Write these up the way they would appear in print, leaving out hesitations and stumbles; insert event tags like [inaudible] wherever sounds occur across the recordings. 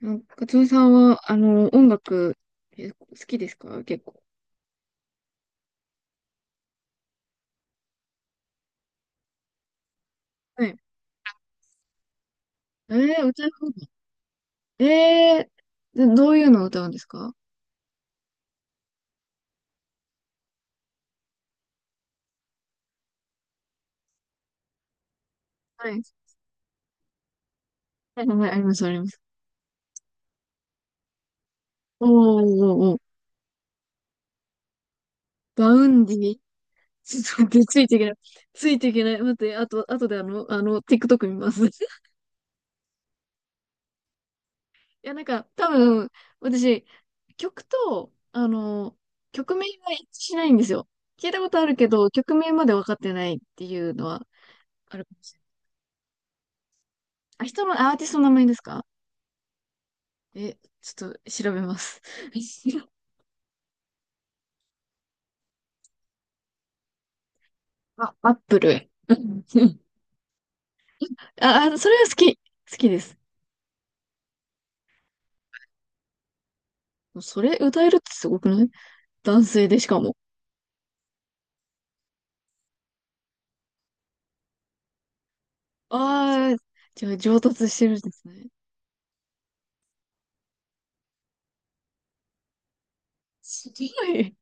なんか、カツオさんは、音楽、好きですか結構？はい。えー、歌う方がえー、どういうのを歌うんですか？はい。はい、はい、あります、あります。おー、おー、おー。バウンディ？ちょっと、ついていけない。ついていけない。待って、あと、あとでTikTok 見ます。[laughs] や、なんか、多分、私、曲と、曲名が一致しないんですよ。聞いたことあるけど、曲名まで分かってないっていうのはあるかもしれない。あ、人のアーティストの名前ですか？え、ちょっと調べます。[laughs] あ、アップル。うんうん。あ、あそれは好き。好きです。それ歌えるってすごくない？男性でしかも。ああ、じゃあ上達してるんですね。すごい。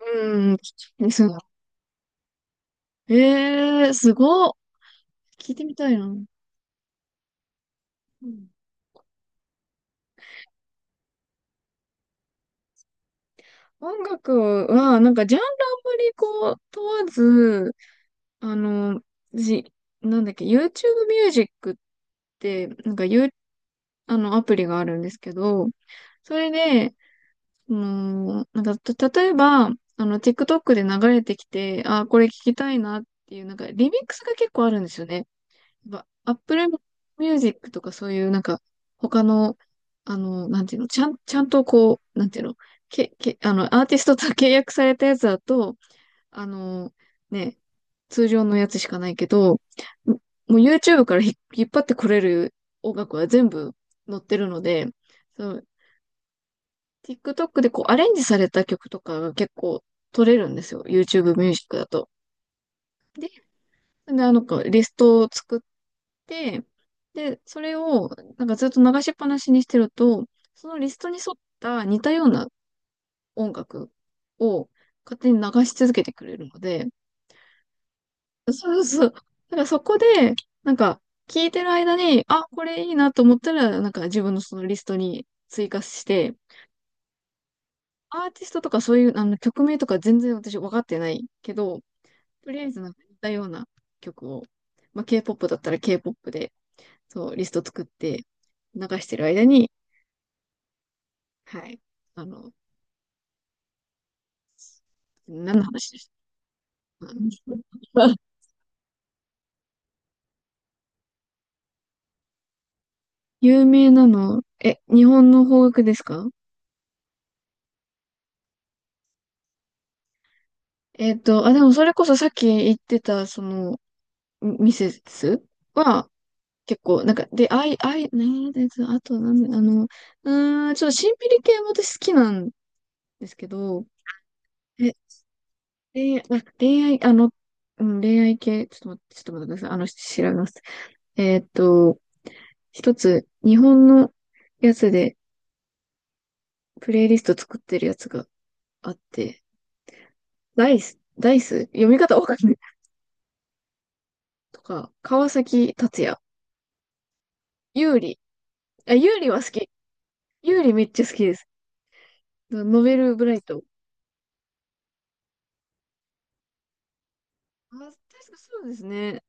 うん。ですが。ええー、すごっ。聞いてみたいな。うん。音楽は、なんかジャンルあんまりこう、問わず、あの、じ、なんだっけ、YouTube ミュージックって、なんか有あの、アプリがあるんですけど、それで、その、例えば、あの、TikTok で流れてきて、あー、これ聞きたいなっていう、なんか、リミックスが結構あるんですよね。やっぱ、Apple Music とかそういう、なんか、他の、あの、なんていうの、ちゃんとこう、なんていうの、あの、アーティストと契約されたやつだと、あの、ね、通常のやつしかないけど、もう YouTube から引っ張ってこれる音楽は全部載ってるので、その TikTok でこうアレンジされた曲とかが結構取れるんですよ。YouTube ミュージックだと。で、あの、こうリストを作って、で、それをなんかずっと流しっぱなしにしてると、そのリストに沿った似たような音楽を勝手に流し続けてくれるので、そうそう。だからそこで、なんか、聞いてる間に、あ、これいいなと思ったら、なんか自分のそのリストに追加して、アーティストとかそういう、あの、曲名とか全然私分かってないけど、とりあえずなんか似たような曲を、まあ、K-POP だったら K-POP で、そう、リスト作って流してる間に、はい、あの、何の話でしたか？ [laughs] 有名なの、え、日本の邦楽ですか？えっと、あ、でもそれこそさっき言ってた、その、ミセスは結構、なんか、で、あい、アイねえ、で、あと、なんで、あの、うーん、ちょっとシンピリ系も私好きなんですけど、え、恋愛、あ、恋愛、あの、うん、恋愛系、ちょっと待って、ちょっと待ってください。あの、調べます。えーっと、一つ、日本のやつで、プレイリスト作ってるやつがあって、ダイス読み方わかんない。とか、川崎達也、ユーリ。あ、ユーリは好き。ユーリめっちゃ好きです。ノベルブライト。あ、確かそうですね。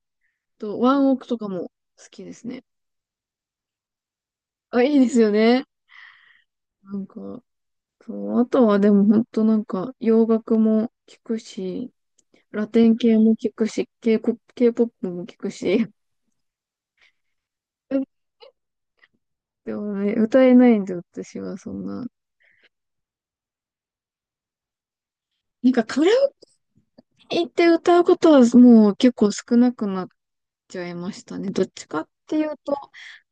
と、ワンオクとかも好きですね。あ、いいですよね。なんか、そう、あとはでも本当なんか、洋楽も聞くし、ラテン系も聞くし、K-POP、k p o も聞くし。[laughs] でもね、歌えないんで、私はそんな。なんかカラオケ行って歌うことはもう結構少なくなっちゃいましたね。どっちかっていうと、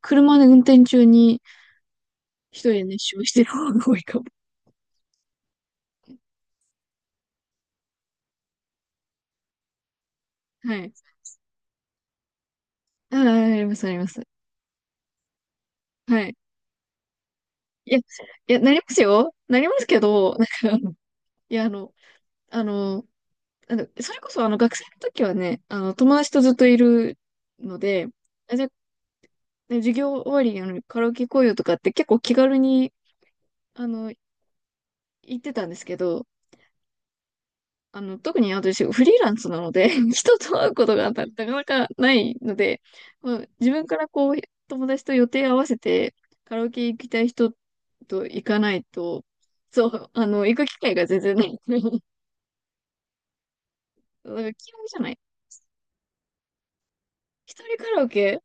車で運転中に一人で熱唱してる方が多いかも。はい。ああ、あります、あります。はい。いや、いや、なりますよ。なりますけど、なんか、いや、あの、あの、あの、それこそ、あの、学生の時はね、あの、友達とずっといるので、あ、じゃあ、ね授業終わりに、あの、カラオケ行こうよとかって結構気軽に、あの、言ってたんですけど、あの、特に私、フリーランスなので、[laughs] 人と会うことがなかなかないので、まあ、自分からこう、友達と予定合わせて、カラオケ行きたい人と行かないと、そう、あの、行く機会が全然ない。[laughs] だから気じゃない。一人カラオケ？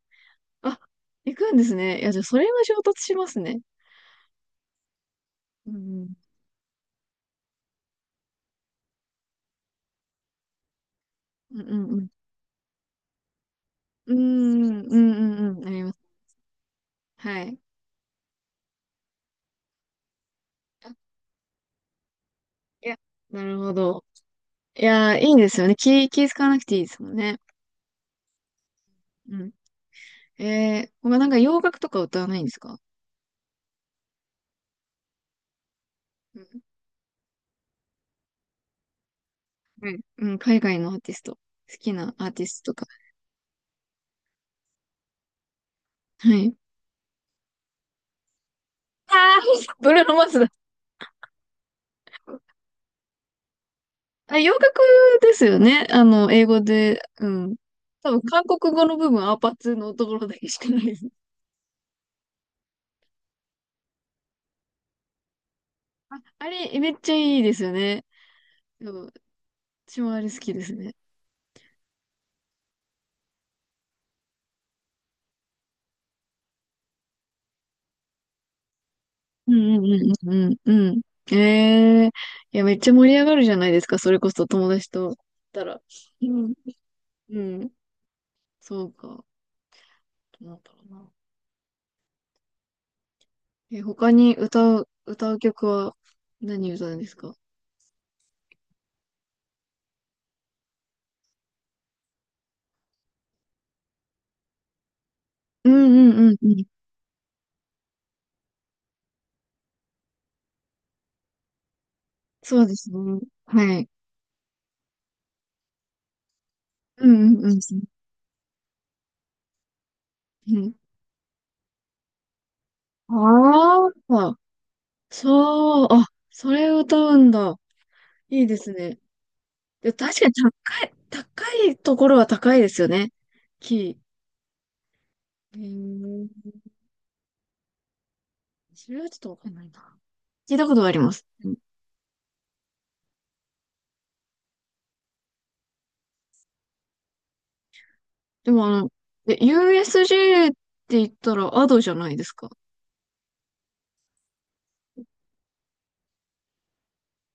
あ、行くんですね。いや、じゃあそれは衝突しますね。うん。うんうんうん。うんうんうんうん。あります。はい。あ、いや、なるほど。いや、いいですよね。気使わなくていいですもんね。うん。えー、他なんか洋楽とか歌わないんですか？うん。はい。うん、海外のアーティスト。好きなアーティストとか。はい。ああ、ブルーノ・マーズ？あ、洋楽ですよね。あの、英語で、うん。多分、韓国語の部分、アーパーツのところだけしかないです。[laughs] あれ、めっちゃいいですよね。そう、私もあれ好きですね。うんうんうんうんうん。うん。ええー、いや、めっちゃ盛り上がるじゃないですか。それこそ友達と行ったら。うん。うん。そうか。どうなんだろうな。え、他に歌う、歌う曲は何歌うんですか？うんうんうんうん。そうですね。はい。うんうんうん。うん。ああ、そう、あ、それを歌うんだ。いいですね。で、確かに高いところは高いですよね。キー。えー、それはちょっとわかんないな。聞いたことがあります。うん。でもあの、え、 USJ って言ったらアドじゃないですか。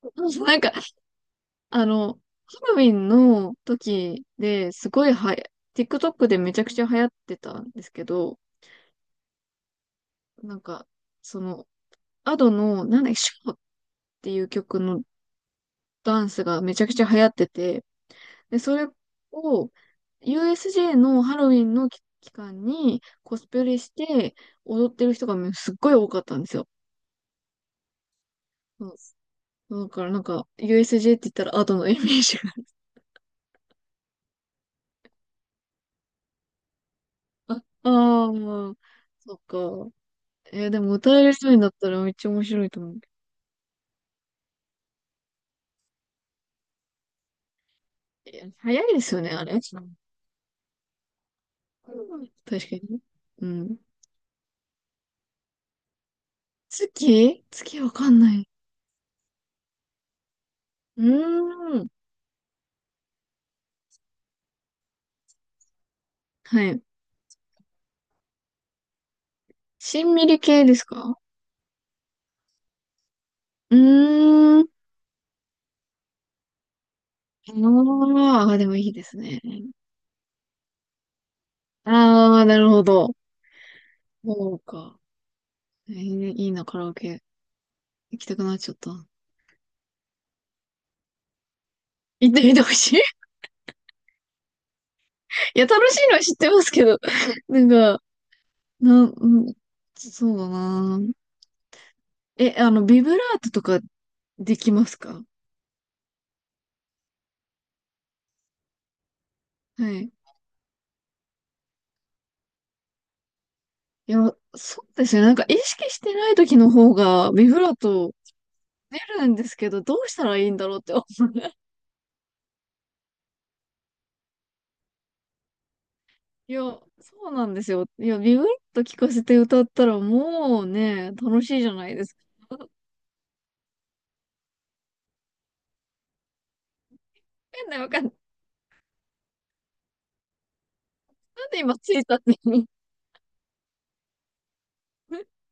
[laughs] なんか、あの、ハロウィンの時ですごいはや、TikTok でめちゃくちゃ流行ってたんですけど、なんか、その、アドの、なんだっけ、ショーっていう曲のダンスがめちゃくちゃ流行ってて、で、それを USJ のハロウィンの期間にコスプレして踊ってる人がすっごい多かったんですよ。そうだからなんか USJ って言ったらアートのイメージが。[laughs] ああー、そっか。えーでも歌える人になったらめっちゃ面白いと思うけど。いや早いですよね、あれ。うん確かにね。うん。月わかんない。うーん。はい。しんみり系ですか？うーん。ああ、でもいいですね。ああ、なるほど。そうか。えー、いいな、カラオケ。行きたくなっちゃった。行ってみてほしい。[laughs] いや、楽しいのは知ってますけど。[laughs] なんか、なん、うん、そうだな。え、あの、ビブラートとかできますか？はい。いや、そうですね。なんか意識してない時の方がビブラート出るんですけど、どうしたらいいんだろうって。[laughs] いや、そうなんですよ。いや、ビブラート聞かせて歌ったらもうね、楽しいじゃないですか。んないわかんない。なんで今ついたって [laughs]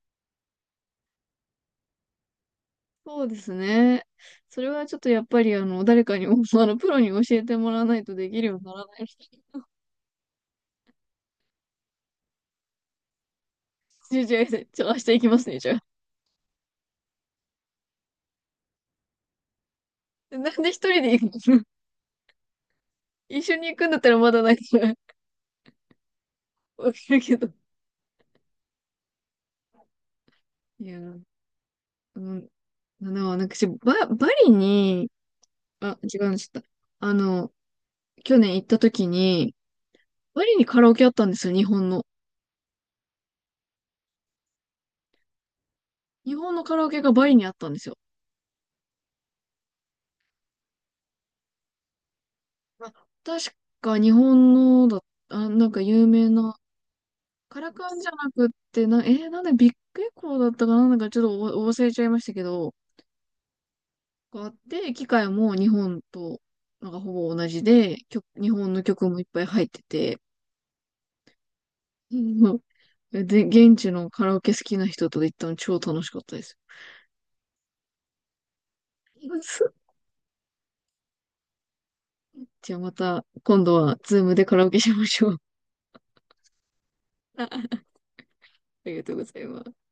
そうですね。それはちょっとやっぱりあの、誰かに、あの、プロに教えてもらわないとできるようにならない。[laughs] じゃあ、じゃ明日行きますね、じゃあ。でなんで一人で行くの？一緒に行くんだったらまだないからわかるけど。いや、うん、あの、なんか私、バリに、あ、違うの、ちょっと、あの、去年行った時に、バリにカラオケあったんですよ、日本の。日本のカラオケがバリにあったんですよ。あ、確か日本のだ、あ、なんか有名な、カラカンじゃなくって、な、えーなんでビッグエコーだったかな、なんかちょっとお忘れちゃいましたけど、があって、機械も日本と、なんかほぼ同じで、曲、日本の曲もいっぱい入ってて、[laughs] うん。で、現地のカラオケ好きな人と行ったの超楽しかったです。[laughs] じゃあまた、今度は、ズームでカラオケしましょう。[laughs] あ、ありがとうございます。